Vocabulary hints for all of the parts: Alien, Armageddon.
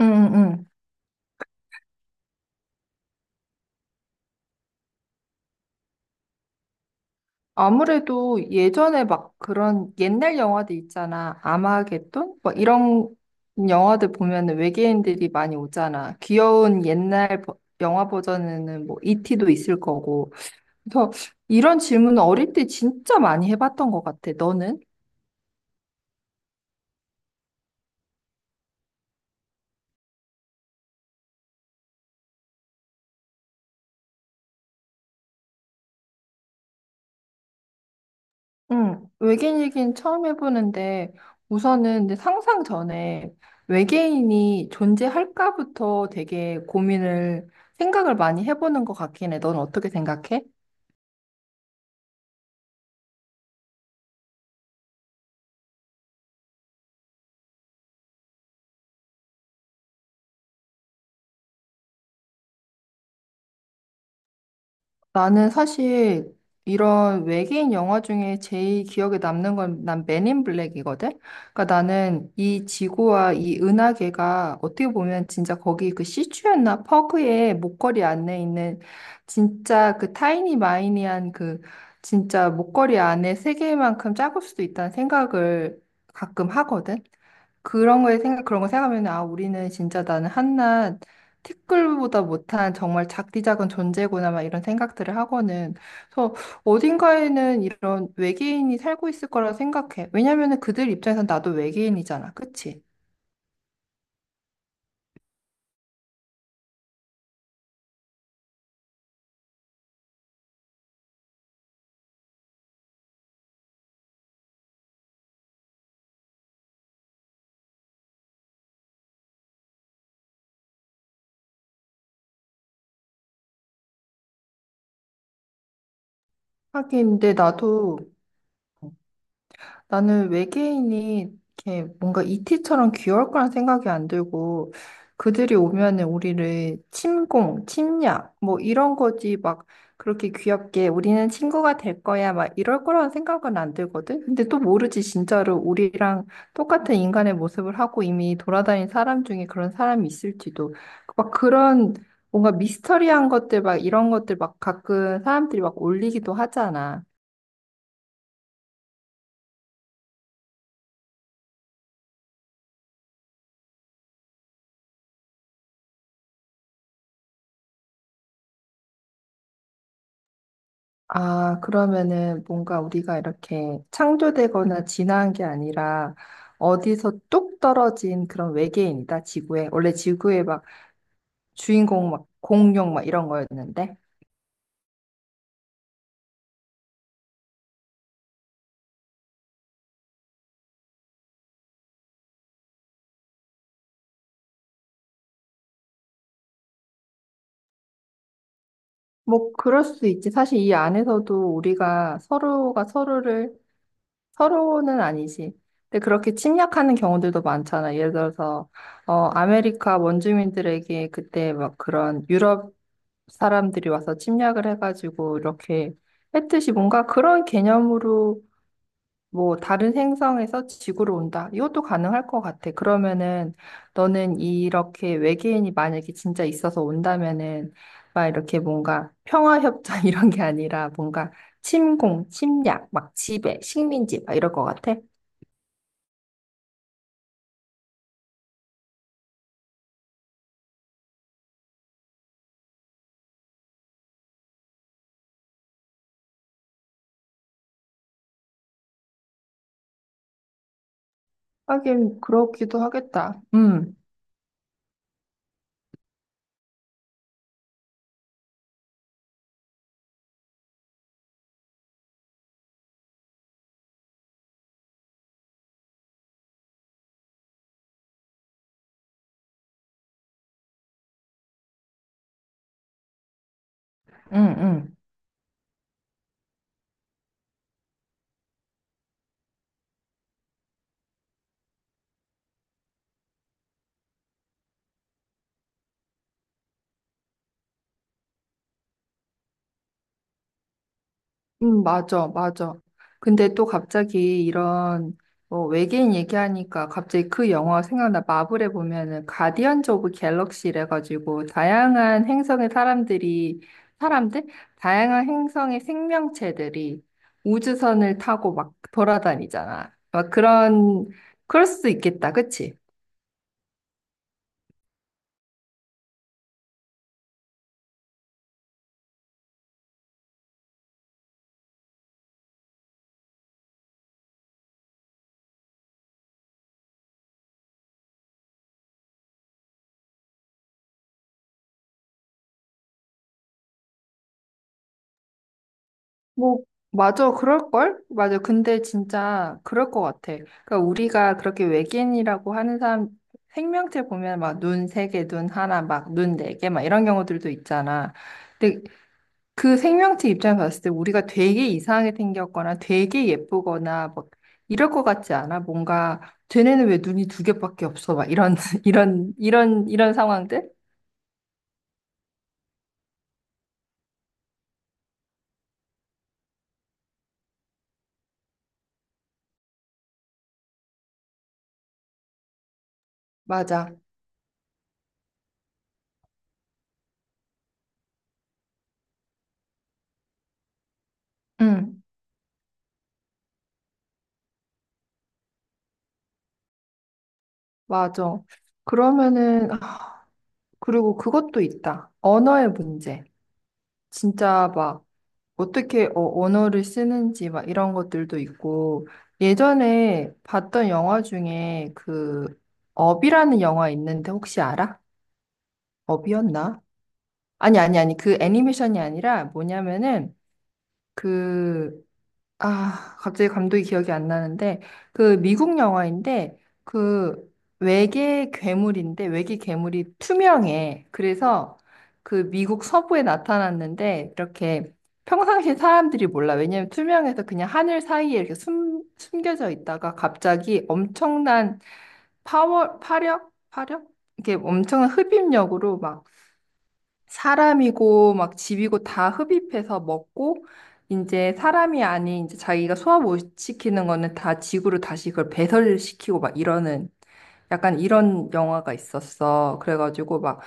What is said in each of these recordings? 응, 응. 아무래도 예전에 막 그런 옛날 영화들 있잖아. 아마겟돈? 뭐 이런 영화들 보면은 외계인들이 많이 오잖아. 귀여운 옛날 영화 버전에는 뭐 이티도 있을 거고. 그래서 이런 질문은 어릴 때 진짜 많이 해봤던 것 같아. 너는? 응. 외계인 얘기는 처음 해보는데 우선은 근데 상상 전에 외계인이 존재할까부터 되게 고민을 생각을 많이 해보는 것 같긴 해. 넌 어떻게 생각해? 나는 사실 이런 외계인 영화 중에 제일 기억에 남는 건 난 맨인 블랙이거든? 그러니까 나는 이 지구와 이 은하계가 어떻게 보면 진짜 거기 그 시추였나 퍼그의 목걸이 안에 있는 진짜 그 타이니 마이니한 그 진짜 목걸이 안에 세계만큼 작을 수도 있다는 생각을 가끔 하거든? 그런 거에 생각, 그런 거 생각하면, 아, 우리는 진짜 나는 한낱 티끌보다 못한 정말 작디작은 존재구나 막 이런 생각들을 하고는 그래서 어딘가에는 이런 외계인이 살고 있을 거라 생각해. 왜냐면은 그들 입장에선 나도 외계인이잖아. 그치? 하긴 근데 나도 나는 외계인이 이렇게 뭔가 이티처럼 귀여울 거란 생각이 안 들고 그들이 오면은 우리를 침공, 침략 뭐 이런 거지 막 그렇게 귀엽게 우리는 친구가 될 거야 막 이럴 거라는 생각은 안 들거든. 근데 또 모르지 진짜로 우리랑 똑같은 인간의 모습을 하고 이미 돌아다닌 사람 중에 그런 사람이 있을지도 막 그런 뭔가 미스터리한 것들 막 이런 것들 막 가끔 사람들이 막 올리기도 하잖아. 아, 그러면은 뭔가 우리가 이렇게 창조되거나 진화한 게 아니라 어디서 뚝 떨어진 그런 외계인이다, 지구에. 원래 지구에 막 주인공 막 공룡 막 이런 거였는데. 뭐 그럴 수도 있지. 사실 이 안에서도 우리가 서로가 서로를, 서로는 아니지. 근데 그렇게 침략하는 경우들도 많잖아. 예를 들어서, 어, 아메리카 원주민들에게 그때 막 그런 유럽 사람들이 와서 침략을 해가지고 이렇게 했듯이 뭔가 그런 개념으로 뭐 다른 행성에서 지구로 온다. 이것도 가능할 것 같아. 그러면은 너는 이렇게 외계인이 만약에 진짜 있어서 온다면은 막 이렇게 뭔가 평화협정 이런 게 아니라 뭔가 침공, 침략, 막 지배, 식민지 막 이럴 것 같아. 하긴 그렇기도 하겠다. 음, 음. 맞아, 맞아. 근데 또 갑자기 이런 뭐 외계인 얘기하니까 갑자기 그 영화 생각나. 마블에 보면은 가디언즈 오브 갤럭시래 가지고 다양한 행성의 사람들이 사람들? 다양한 행성의 생명체들이 우주선을 타고 막 돌아다니잖아. 막 그런 그럴 수도 있겠다. 그치? 뭐, 맞아, 그럴걸? 맞아. 근데 진짜 그럴 것 같아. 그러니까 우리가 그렇게 외계인이라고 하는 사람 생명체 보면 막 눈 세 개, 눈 하나, 막 눈 네 개, 막 이런 경우들도 있잖아. 근데 그 생명체 입장에서 봤을 때 우리가 되게 이상하게 생겼거나 되게 예쁘거나 막 이럴 것 같지 않아? 뭔가 쟤네는 왜 눈이 두 개밖에 없어? 막 이런, 이런 상황들? 맞아. 응, 맞아. 그러면은, 그리고 그것도 있다. 언어의 문제. 진짜 막 어떻게 언어를 쓰는지 막 이런 것들도 있고 예전에 봤던 영화 중에 그 업이라는 영화 있는데 혹시 알아? 업이었나? 아니 그 애니메이션이 아니라 뭐냐면은 그... 아, 갑자기 감독이 기억이 안 나는데, 그 미국 영화인데, 그 외계 괴물인데, 외계 괴물이 투명해. 그래서 그 미국 서부에 나타났는데, 이렇게 평상시 사람들이 몰라. 왜냐면 투명해서 그냥 하늘 사이에 이렇게 숨겨져 있다가 갑자기 엄청난 파워, 파력? 이렇게 엄청난 흡입력으로 막 사람이고 막 집이고 다 흡입해서 먹고 이제 사람이 아닌 이제 자기가 소화 못 시키는 거는 다 지구로 다시 그걸 배설시키고 막 이러는 약간 이런 영화가 있었어. 그래가지고 막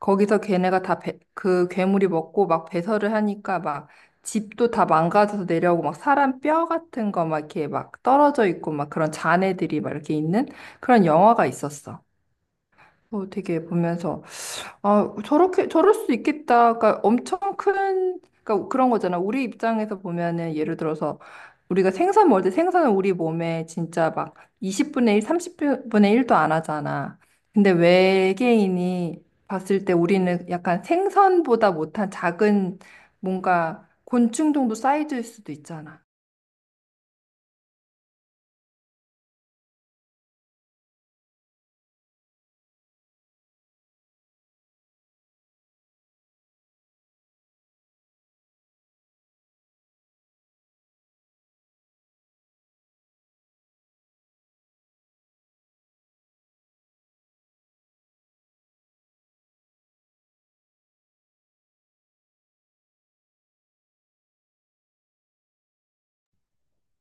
거기서 걔네가 다 그 괴물이 먹고 막 배설을 하니까 막 집도 다 망가져서 내려오고 막 사람 뼈 같은 거 막 이렇게 막 떨어져 있고 막 그런 잔해들이 막 이렇게 있는 그런 영화가 있었어. 어, 되게 보면서 아, 저렇게, 저럴 수 있겠다. 그러니까 엄청 큰, 그러니까 그런 거잖아. 우리 입장에서 보면은 예를 들어서 우리가 생선 먹을 때 생선은 우리 몸에 진짜 막 20분의 1, 30분의 1도 안 하잖아. 근데 외계인이 봤을 때 우리는 약간 생선보다 못한 작은 뭔가 곤충 정도 사이즈일 수도 있잖아.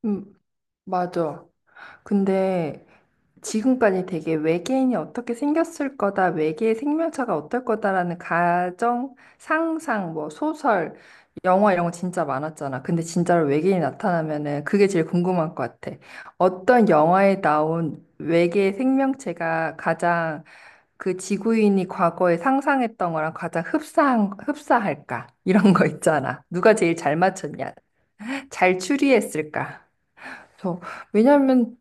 음, 맞아. 근데 지금까지 되게 외계인이 어떻게 생겼을 거다, 외계의 생명체가 어떨 거다라는 가정, 상상, 뭐 소설, 영화 이런 거 진짜 많았잖아. 근데 진짜로 외계인이 나타나면은 그게 제일 궁금한 것 같아. 어떤 영화에 나온 외계 생명체가 가장 그 지구인이 과거에 상상했던 거랑 가장 흡사한, 흡사할까? 이런 거 있잖아. 누가 제일 잘 맞췄냐? 잘 추리했을까? 그래서 왜냐면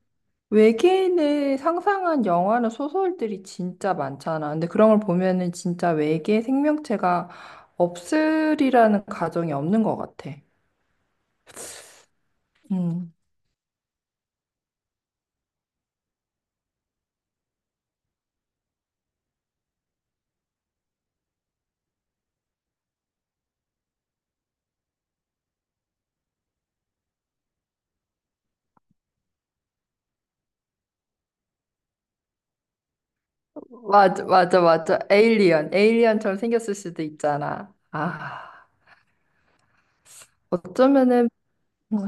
외계인을 상상한 영화나 소설들이 진짜 많잖아. 근데 그런 걸 보면은 진짜 외계 생명체가 없으리라는 가정이 없는 것 같아. 음. 맞아. 에일리언, 에일리언처럼 생겼을 수도 있잖아. 아, 어쩌면은 음,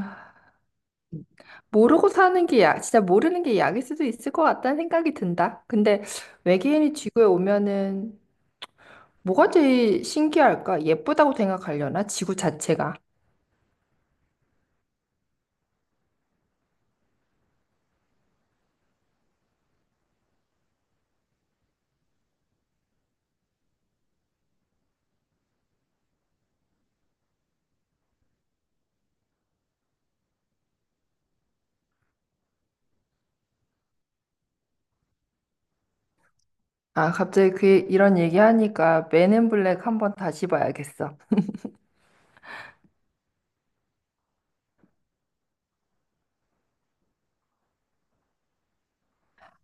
모르고 사는 게 약, 진짜 모르는 게 약일 수도 있을 것 같다는 생각이 든다. 근데 외계인이 지구에 오면은 뭐가 제일 신기할까? 예쁘다고 생각하려나? 지구 자체가. 아, 갑자기 그 이런 얘기하니까 맨앤 블랙 한번 다시 봐야겠어.